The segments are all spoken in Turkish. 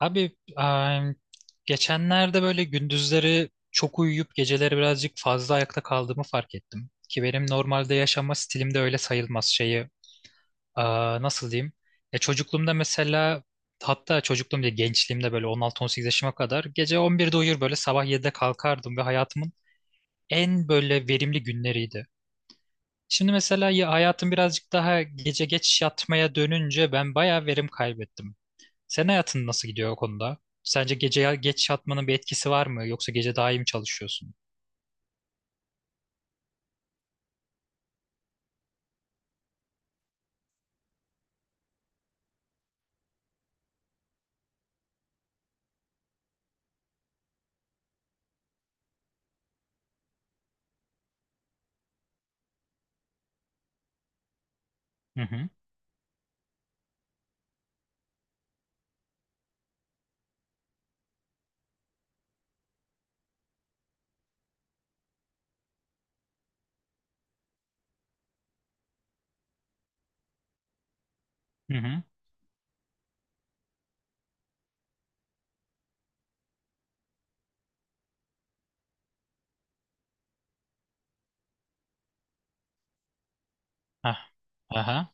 Abi geçenlerde böyle gündüzleri çok uyuyup geceleri birazcık fazla ayakta kaldığımı fark ettim. Ki benim normalde yaşama stilimde öyle sayılmaz şeyi. Nasıl diyeyim? Ya çocukluğumda mesela hatta çocukluğum değil gençliğimde böyle 16-18 yaşıma kadar gece 11'de uyur böyle sabah 7'de kalkardım ve hayatımın en böyle verimli günleriydi. Şimdi mesela ya hayatım birazcık daha gece geç yatmaya dönünce ben bayağı verim kaybettim. Sen hayatın nasıl gidiyor o konuda? Sence gece geç yatmanın bir etkisi var mı? Yoksa gece daha iyi mi çalışıyorsun? Hı hı. Hı hı. Hah. Aha.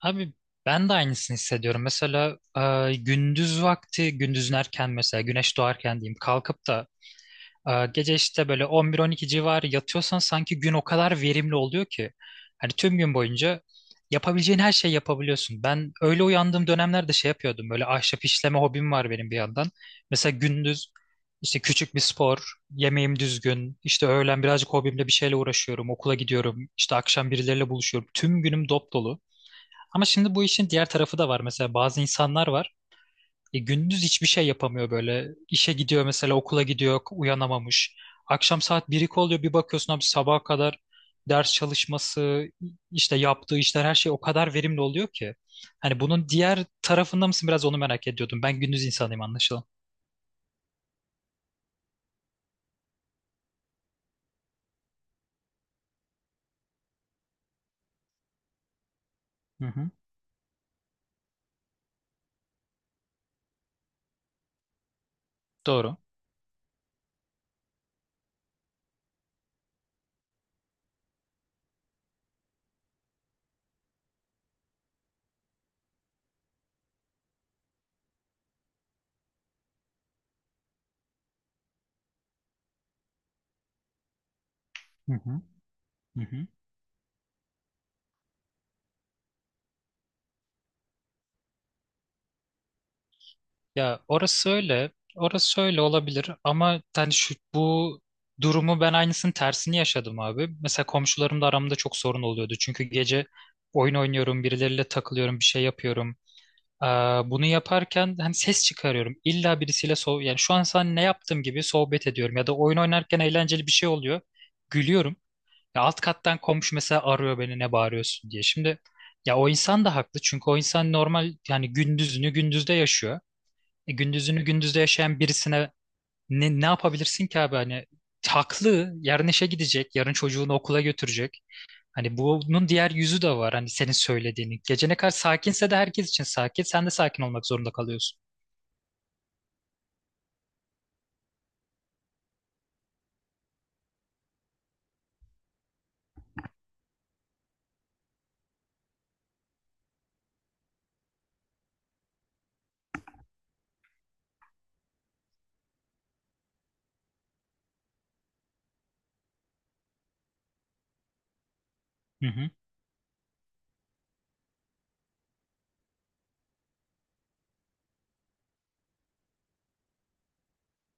Abi ben de aynısını hissediyorum. Mesela gündüz vakti, gündüzün erken mesela güneş doğarken diyeyim kalkıp da gece işte böyle 11-12 civarı yatıyorsan sanki gün o kadar verimli oluyor ki. Hani tüm gün boyunca yapabileceğin her şeyi yapabiliyorsun. Ben öyle uyandığım dönemlerde şey yapıyordum. Böyle ahşap işleme hobim var benim bir yandan. Mesela gündüz işte küçük bir spor, yemeğim düzgün, işte öğlen birazcık hobimle bir şeyle uğraşıyorum, okula gidiyorum, işte akşam birileriyle buluşuyorum. Tüm günüm dop dolu. Ama şimdi bu işin diğer tarafı da var. Mesela bazı insanlar var. Gündüz hiçbir şey yapamıyor böyle. İşe gidiyor mesela, okula gidiyor uyanamamış. Akşam saat 1 oluyor, bir bakıyorsun abi sabaha kadar ders çalışması, işte yaptığı işler, her şey o kadar verimli oluyor ki. Hani bunun diğer tarafında mısın, biraz onu merak ediyordum. Ben gündüz insanıyım anlaşılan. Hı hı. Doğru. Hı hı. Hı hı. Ya orası öyle, orası öyle olabilir ama yani şu bu durumu ben aynısının tersini yaşadım abi. Mesela komşularımla aramda çok sorun oluyordu. Çünkü gece oyun oynuyorum, birileriyle takılıyorum, bir şey yapıyorum. Ee, Bunu yaparken hani ses çıkarıyorum. İlla birisiyle yani, şu an sen ne yaptığım gibi, sohbet ediyorum ya da oyun oynarken eğlenceli bir şey oluyor. Gülüyorum. Ya alt kattan komşu mesela arıyor beni ne bağırıyorsun diye. Şimdi ya o insan da haklı, çünkü o insan normal yani, gündüzünü gündüzde yaşıyor. E, gündüzünü gündüzde yaşayan birisine ne yapabilirsin ki abi, hani haklı, yarın işe gidecek, yarın çocuğunu okula götürecek. Hani bunun diğer yüzü de var, hani senin söylediğini gece ne kadar sakinse de herkes için sakin, sen de sakin olmak zorunda kalıyorsun. Hı hı.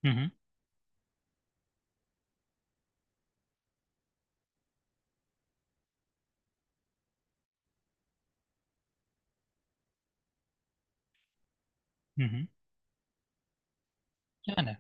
Hı hı. Hı hı. Yani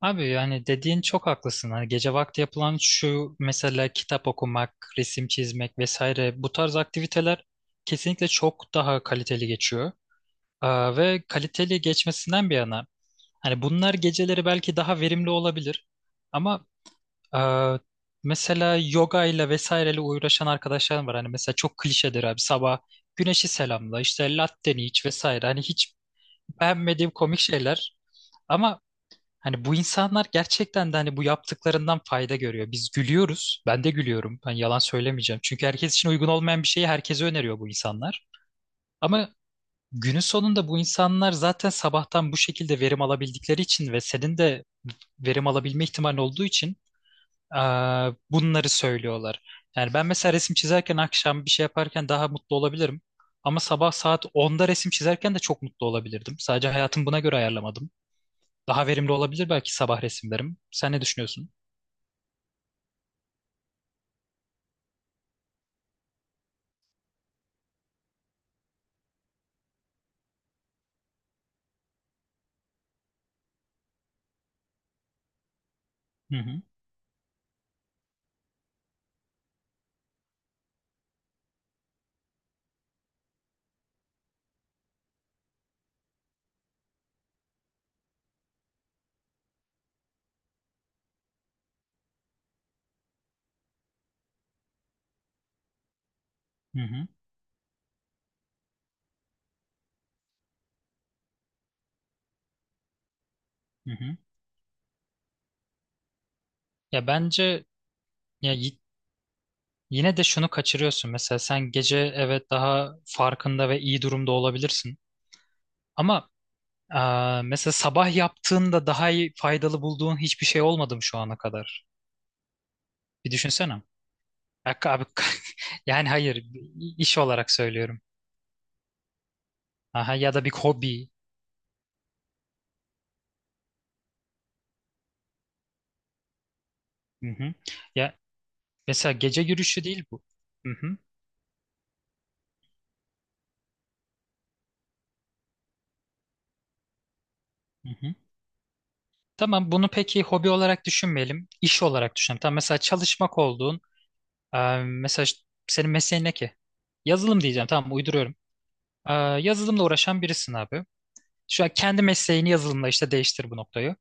abi, yani dediğin çok haklısın. Hani gece vakti yapılan şu mesela kitap okumak, resim çizmek vesaire, bu tarz aktiviteler kesinlikle çok daha kaliteli geçiyor. Ve kaliteli geçmesinden bir yana, hani bunlar geceleri belki daha verimli olabilir. Ama e, mesela yoga ile vesaireyle uğraşan arkadaşlarım var. Hani mesela çok klişedir abi, sabah güneşi selamla, işte latteni iç vesaire. Hani hiç beğenmediğim komik şeyler. Ama hani bu insanlar gerçekten de hani bu yaptıklarından fayda görüyor. Biz gülüyoruz. Ben de gülüyorum. Ben yalan söylemeyeceğim. Çünkü herkes için uygun olmayan bir şeyi herkese öneriyor bu insanlar. Ama günün sonunda bu insanlar zaten sabahtan bu şekilde verim alabildikleri için ve senin de verim alabilme ihtimalin olduğu için bunları söylüyorlar. Yani ben mesela resim çizerken, akşam bir şey yaparken, daha mutlu olabilirim. Ama sabah saat 10'da resim çizerken de çok mutlu olabilirdim. Sadece hayatımı buna göre ayarlamadım. Daha verimli olabilir belki sabah resimlerim. Sen ne düşünüyorsun? Hı hı. Hı hı. Hı hı. Ya bence ya y- yine de şunu kaçırıyorsun. Mesela sen gece evet daha farkında ve iyi durumda olabilirsin. Ama mesela sabah yaptığında daha iyi, faydalı bulduğun hiçbir şey olmadı mı şu ana kadar? Bir düşünsene. Abi, abi yani hayır, iş olarak söylüyorum. Aha, ya da bir hobi. Hı hı. Ya mesela gece yürüyüşü değil bu. Hı hı. Hı hı. Tamam, bunu peki hobi olarak düşünmeyelim. İş olarak düşünelim. Tamam, mesela çalışmak olduğun e, mesela senin mesleğin ne ki? Yazılım diyeceğim. Tamam, uyduruyorum. E, Yazılımla uğraşan birisin abi. Şu an kendi mesleğini yazılımla işte değiştir bu noktayı.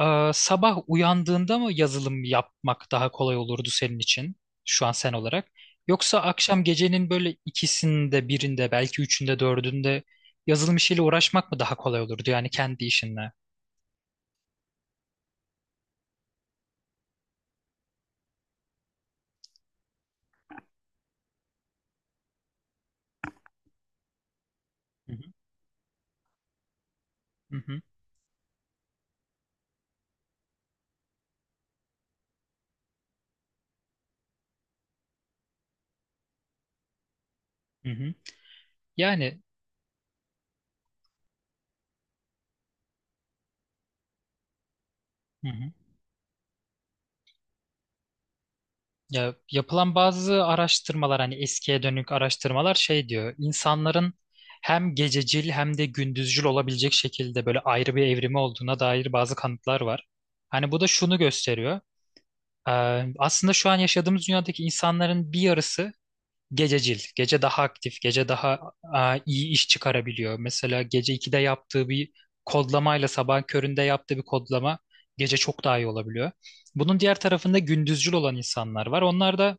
Sabah uyandığında mı yazılım yapmak daha kolay olurdu senin için, şu an sen olarak? Yoksa akşam, gecenin böyle ikisinde birinde, belki üçünde dördünde yazılım işiyle uğraşmak mı daha kolay olurdu, yani kendi işinle? Hı hı. Hı hı. Hı hı. Yani hı hı. Ya, yapılan bazı araştırmalar, hani eskiye dönük araştırmalar şey diyor, insanların hem gececil hem de gündüzcül olabilecek şekilde böyle ayrı bir evrimi olduğuna dair bazı kanıtlar var. Hani bu da şunu gösteriyor. Ee, Aslında şu an yaşadığımız dünyadaki insanların bir yarısı gececil. Gece daha aktif, gece daha iyi iş çıkarabiliyor. Mesela gece 2'de yaptığı bir kodlamayla sabah köründe yaptığı bir kodlama, gece çok daha iyi olabiliyor. Bunun diğer tarafında gündüzcül olan insanlar var. Onlar da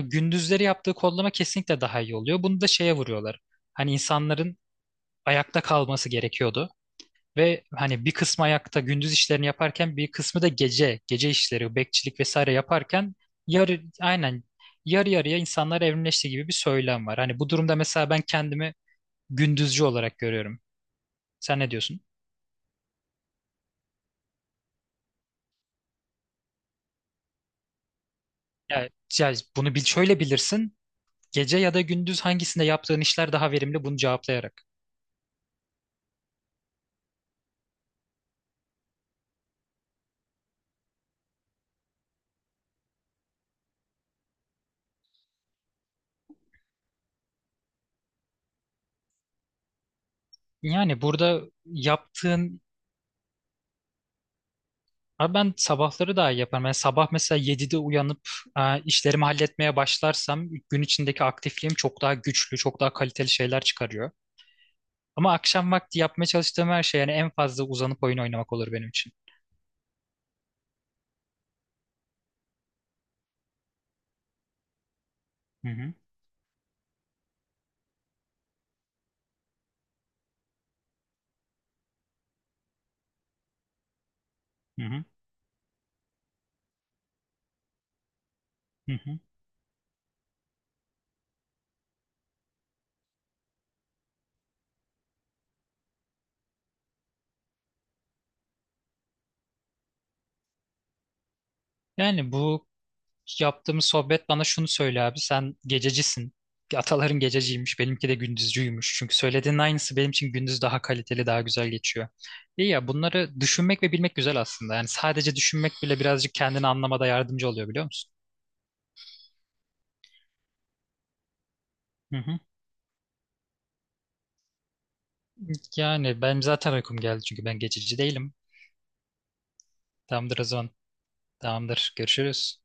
gündüzleri yaptığı kodlama kesinlikle daha iyi oluyor. Bunu da şeye vuruyorlar. Hani insanların ayakta kalması gerekiyordu. Ve hani bir kısmı ayakta gündüz işlerini yaparken, bir kısmı da gece işleri, bekçilik vesaire yaparken, aynen, yarı yarıya insanlar evrimleşti gibi bir söylem var. Hani bu durumda mesela ben kendimi gündüzcü olarak görüyorum. Sen ne diyorsun? Ya, ya, bunu bil, şöyle bilirsin. Gece ya da gündüz, hangisinde yaptığın işler daha verimli, bunu cevaplayarak. Yani burada yaptığın. Abi ben sabahları daha iyi yaparım. Yani sabah mesela 7'de uyanıp işlerimi halletmeye başlarsam, gün içindeki aktifliğim çok daha güçlü, çok daha kaliteli şeyler çıkarıyor. Ama akşam vakti yapmaya çalıştığım her şey, yani en fazla uzanıp oyun oynamak olur benim için. Hı hı. Hı hı. Hı hı. Yani bu yaptığımız sohbet bana şunu söyle abi, sen gececisin. Ataların gececiymiş, benimki de gündüzcüymüş. Çünkü söylediğin aynısı benim için gündüz daha kaliteli, daha güzel geçiyor. İyi ya, bunları düşünmek ve bilmek güzel aslında. Yani sadece düşünmek bile birazcık kendini anlamada yardımcı oluyor, biliyor musun? Hı hı. Yani benim zaten uykum geldi çünkü ben gececi değilim. Tamamdır o zaman. Tamamdır. Görüşürüz.